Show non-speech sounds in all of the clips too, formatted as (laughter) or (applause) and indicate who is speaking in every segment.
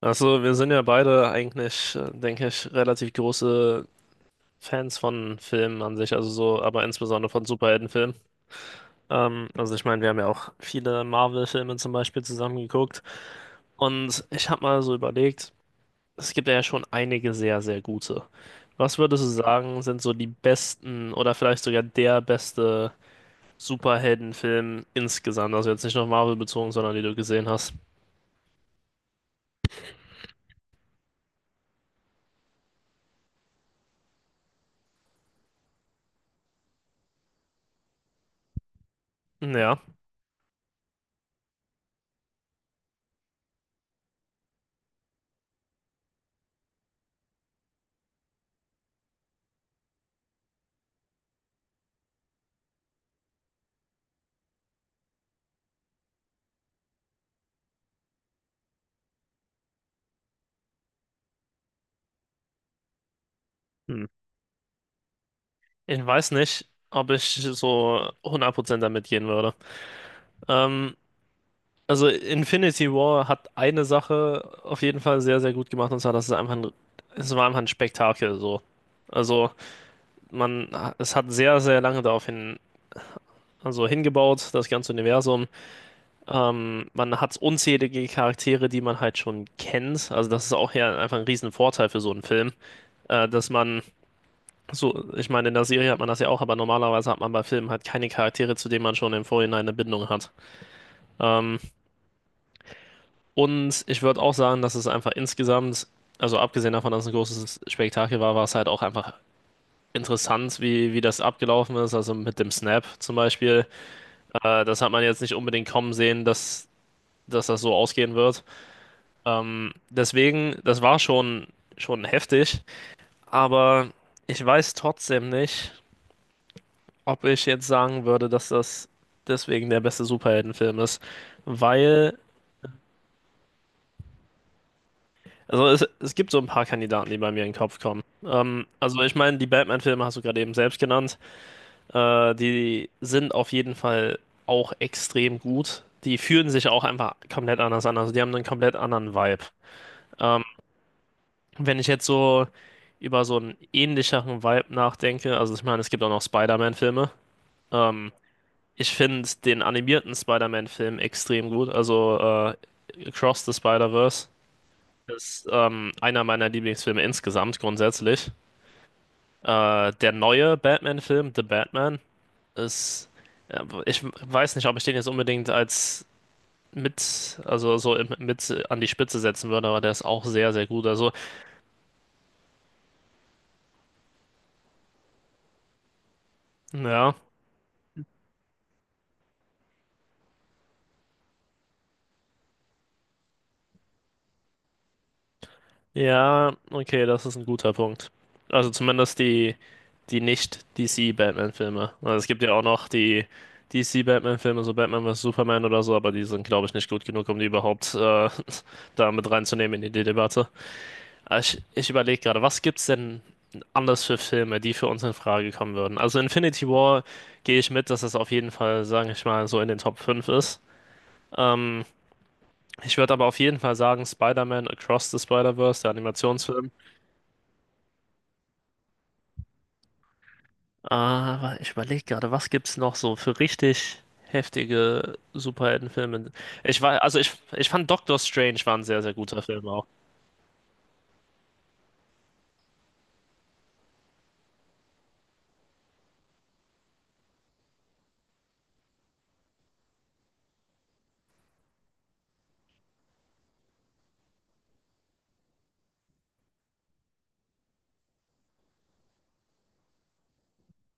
Speaker 1: Also, wir sind ja beide eigentlich, denke ich, relativ große Fans von Filmen an sich, also so, aber insbesondere von Superheldenfilmen. Also ich meine, wir haben ja auch viele Marvel-Filme zum Beispiel zusammen geguckt. Und ich habe mal so überlegt, es gibt ja schon einige sehr, sehr gute. Was würdest du sagen, sind so die besten oder vielleicht sogar der beste Superheldenfilm insgesamt? Also jetzt nicht nur Marvel bezogen, sondern die du gesehen hast. Ja. Ich weiß nicht, ob ich so 100% damit gehen würde. Ähm, also Infinity War hat eine Sache auf jeden Fall sehr, sehr gut gemacht, und zwar, dass es war einfach ein Spektakel so. Also man, es hat sehr, sehr lange also hingebaut, das ganze Universum. Man hat unzählige Charaktere, die man halt schon kennt. Also das ist auch ja einfach ein riesen Vorteil für so einen Film, dass man so, ich meine, in der Serie hat man das ja auch, aber normalerweise hat man bei Filmen halt keine Charaktere, zu denen man schon im Vorhinein eine Bindung hat. Ähm, und ich würde auch sagen, dass es einfach insgesamt, also abgesehen davon, dass es ein großes Spektakel war, war es halt auch einfach interessant, wie das abgelaufen ist. Also mit dem Snap zum Beispiel. Das hat man jetzt nicht unbedingt kommen sehen, dass das so ausgehen wird. Deswegen, schon heftig, aber ich weiß trotzdem nicht, ob ich jetzt sagen würde, dass das deswegen der beste Superheldenfilm ist. Weil, es gibt so ein paar Kandidaten, die bei mir in den Kopf kommen. Also ich meine, die Batman-Filme hast du gerade eben selbst genannt. Die sind auf jeden Fall auch extrem gut. Die fühlen sich auch einfach komplett anders an. Also die haben einen komplett anderen Vibe. Ähm, wenn ich jetzt so über so einen ähnlicheren Vibe nachdenke, also ich meine, es gibt auch noch Spider-Man-Filme. Ähm, Ich finde den animierten Spider-Man-Film extrem gut. Also Across the Spider-Verse ist einer meiner Lieblingsfilme insgesamt grundsätzlich. Der neue Batman-Film, The Batman, ist, ja, ich weiß nicht, ob ich den jetzt unbedingt als mit, also so im- mit an die Spitze setzen würde, aber der ist auch sehr, sehr gut. Also, ja. Ja, okay, das ist ein guter Punkt. Also die Nicht-DC-Batman-Filme. Also es gibt ja auch noch die DC-Batman-Filme, so Batman vs. Superman oder so, aber die sind, glaube ich, nicht gut genug, um die überhaupt (laughs) da mit reinzunehmen in die Debatte. Aber ich überlege gerade, was gibt's denn anders für Filme, die für uns in Frage kommen würden? Also Infinity War gehe ich mit, dass es auf jeden Fall, sage ich mal, so in den Top 5 ist. Ähm, ich würde aber auf jeden Fall sagen, Spider-Man Across the Spider-Verse, der Animationsfilm. Aber ich überlege gerade, was gibt's noch so für richtig heftige Superheldenfilme? Ich fand Doctor Strange war ein sehr, sehr guter Film auch.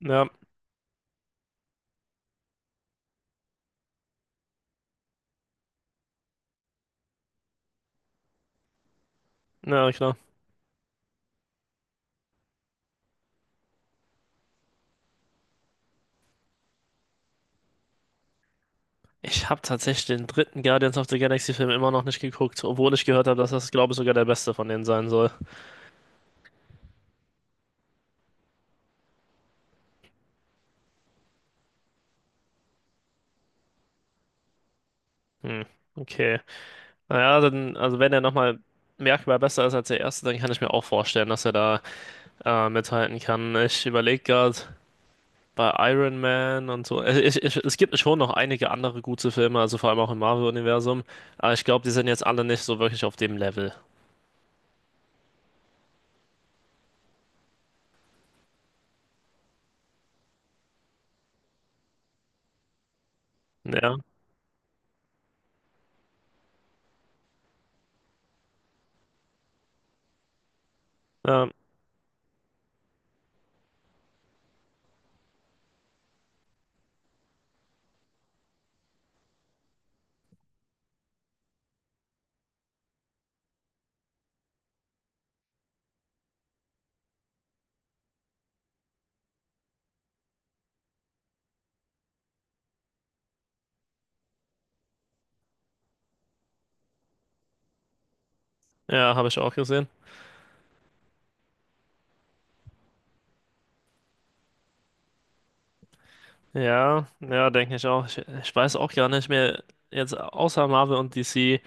Speaker 1: Ja, ja, klar. Ich habe tatsächlich den dritten Guardians of the Galaxy Film immer noch nicht geguckt, obwohl ich gehört habe, dass das, glaube ich, sogar der beste von denen sein soll. Hm, okay. Naja, dann, also wenn er nochmal merkbar besser ist als der erste, dann kann ich mir auch vorstellen, dass er da mithalten kann. Ich überlege gerade bei Iron Man und so. Es gibt schon noch einige andere gute Filme, also vor allem auch im Marvel-Universum. Aber ich glaube, die sind jetzt alle nicht so wirklich auf dem Level. Ja, ja, ja, habe ich auch gesehen. Ja, ja, denke ich auch. Ich weiß auch gar nicht mehr. Jetzt außer Marvel und DC,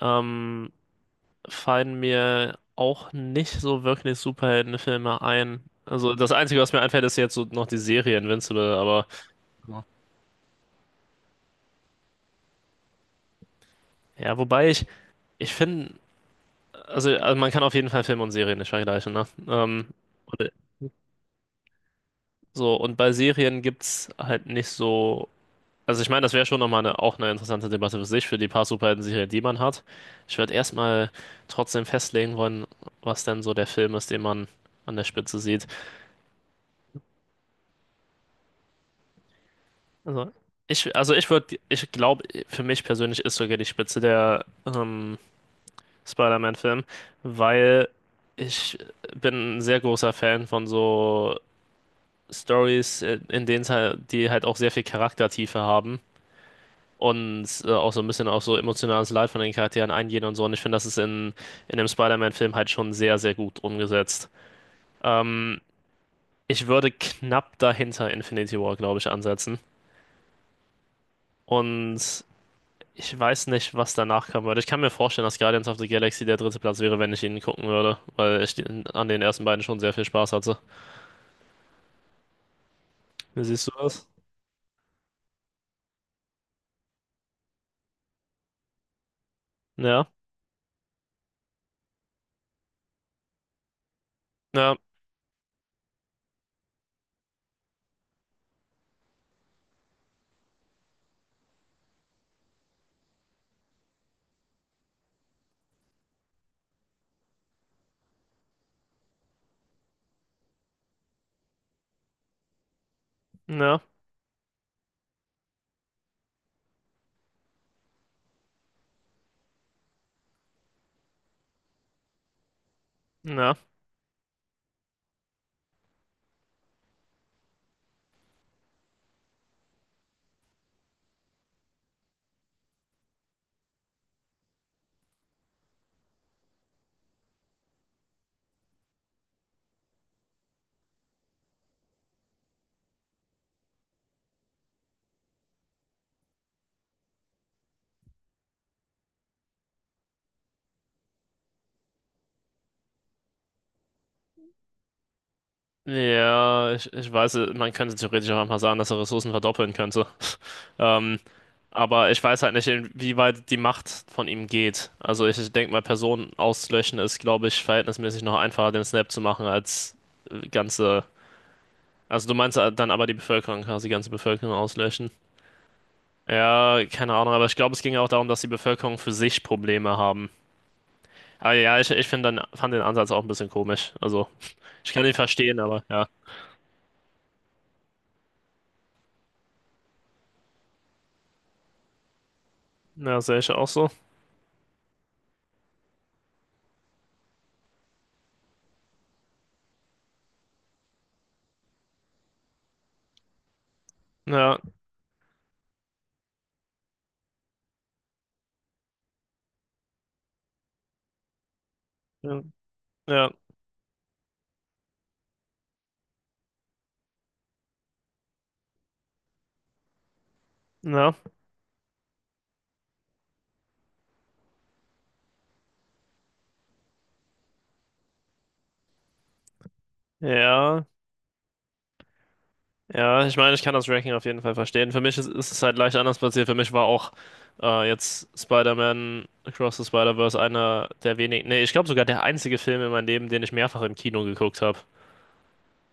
Speaker 1: ähm, fallen mir auch nicht so wirklich Superheldenfilme ein. Also das Einzige, was mir einfällt, ist jetzt so noch die Serie Invincible, aber ja, ja, wobei ich, ich finde, also man kann auf jeden Fall Filme und Serien nicht vergleichen, ne? Oder so, und bei Serien gibt's halt nicht so. Also ich meine, das wäre schon nochmal eine, auch eine interessante Debatte für sich, für die paar Superhelden-Serien, die man hat. Ich würde erstmal trotzdem festlegen wollen, was denn so der Film ist, den man an der Spitze sieht. Also ich glaube, für mich persönlich ist sogar die Spitze der Spider-Man-Film, weil ich bin ein sehr großer Fan von so Stories, in denen es halt, die halt auch sehr viel Charaktertiefe haben und auch so ein bisschen auf so emotionales Leid von den Charakteren eingehen und so. Und ich finde, das ist in dem Spider-Man-Film halt schon sehr, sehr gut umgesetzt. Ähm, ich würde knapp dahinter Infinity War, glaube ich, ansetzen. Und ich weiß nicht, was danach kommen würde. Ich kann mir vorstellen, dass Guardians of the Galaxy der dritte Platz wäre, wenn ich ihn gucken würde, weil ich den, an den ersten beiden schon sehr viel Spaß hatte. Wie siehst du das? Ja, ja, ja, ja. Ja, ich weiß, man könnte theoretisch auch einfach sagen, dass er Ressourcen verdoppeln könnte. Ähm, aber ich weiß halt nicht, inwieweit die Macht von ihm geht. Also ich denke mal, Personen auszulöschen ist, glaube ich, verhältnismäßig noch einfacher, den Snap zu machen, als ganze... Also du meinst dann aber die Bevölkerung, quasi die ganze Bevölkerung auslöschen. Ja, keine Ahnung, aber ich glaube, es ging ja auch darum, dass die Bevölkerung für sich Probleme haben. Aber ja, fand den Ansatz auch ein bisschen komisch. Also ich kann ihn verstehen, aber ja. Ja, sehe ich auch so. Ja. Ja. Ja, ja, ja, ja. Ich meine, ich kann das Ranking auf jeden Fall verstehen. Für mich ist es halt leicht anders passiert. Für mich war auch jetzt Spider-Man Across the Spider-Verse einer der wenigen, nee, ich glaube sogar der einzige Film in meinem Leben, den ich mehrfach im Kino geguckt habe.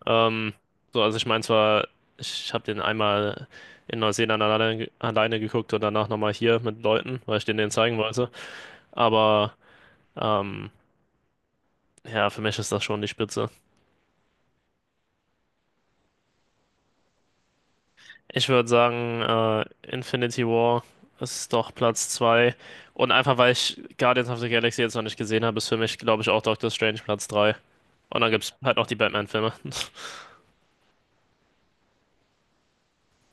Speaker 1: Ähm, so, also ich meine zwar, ich habe den einmal in Neuseeland alleine geguckt und danach nochmal hier mit Leuten, weil ich denen den zeigen wollte. Aber ähm, ja, für mich ist das schon die Spitze. Ich würde sagen, Infinity War ist doch Platz 2. Und einfach weil ich Guardians of the Galaxy jetzt noch nicht gesehen habe, ist für mich, glaube ich, auch Doctor Strange Platz 3. Und dann gibt es halt noch die Batman-Filme. (laughs)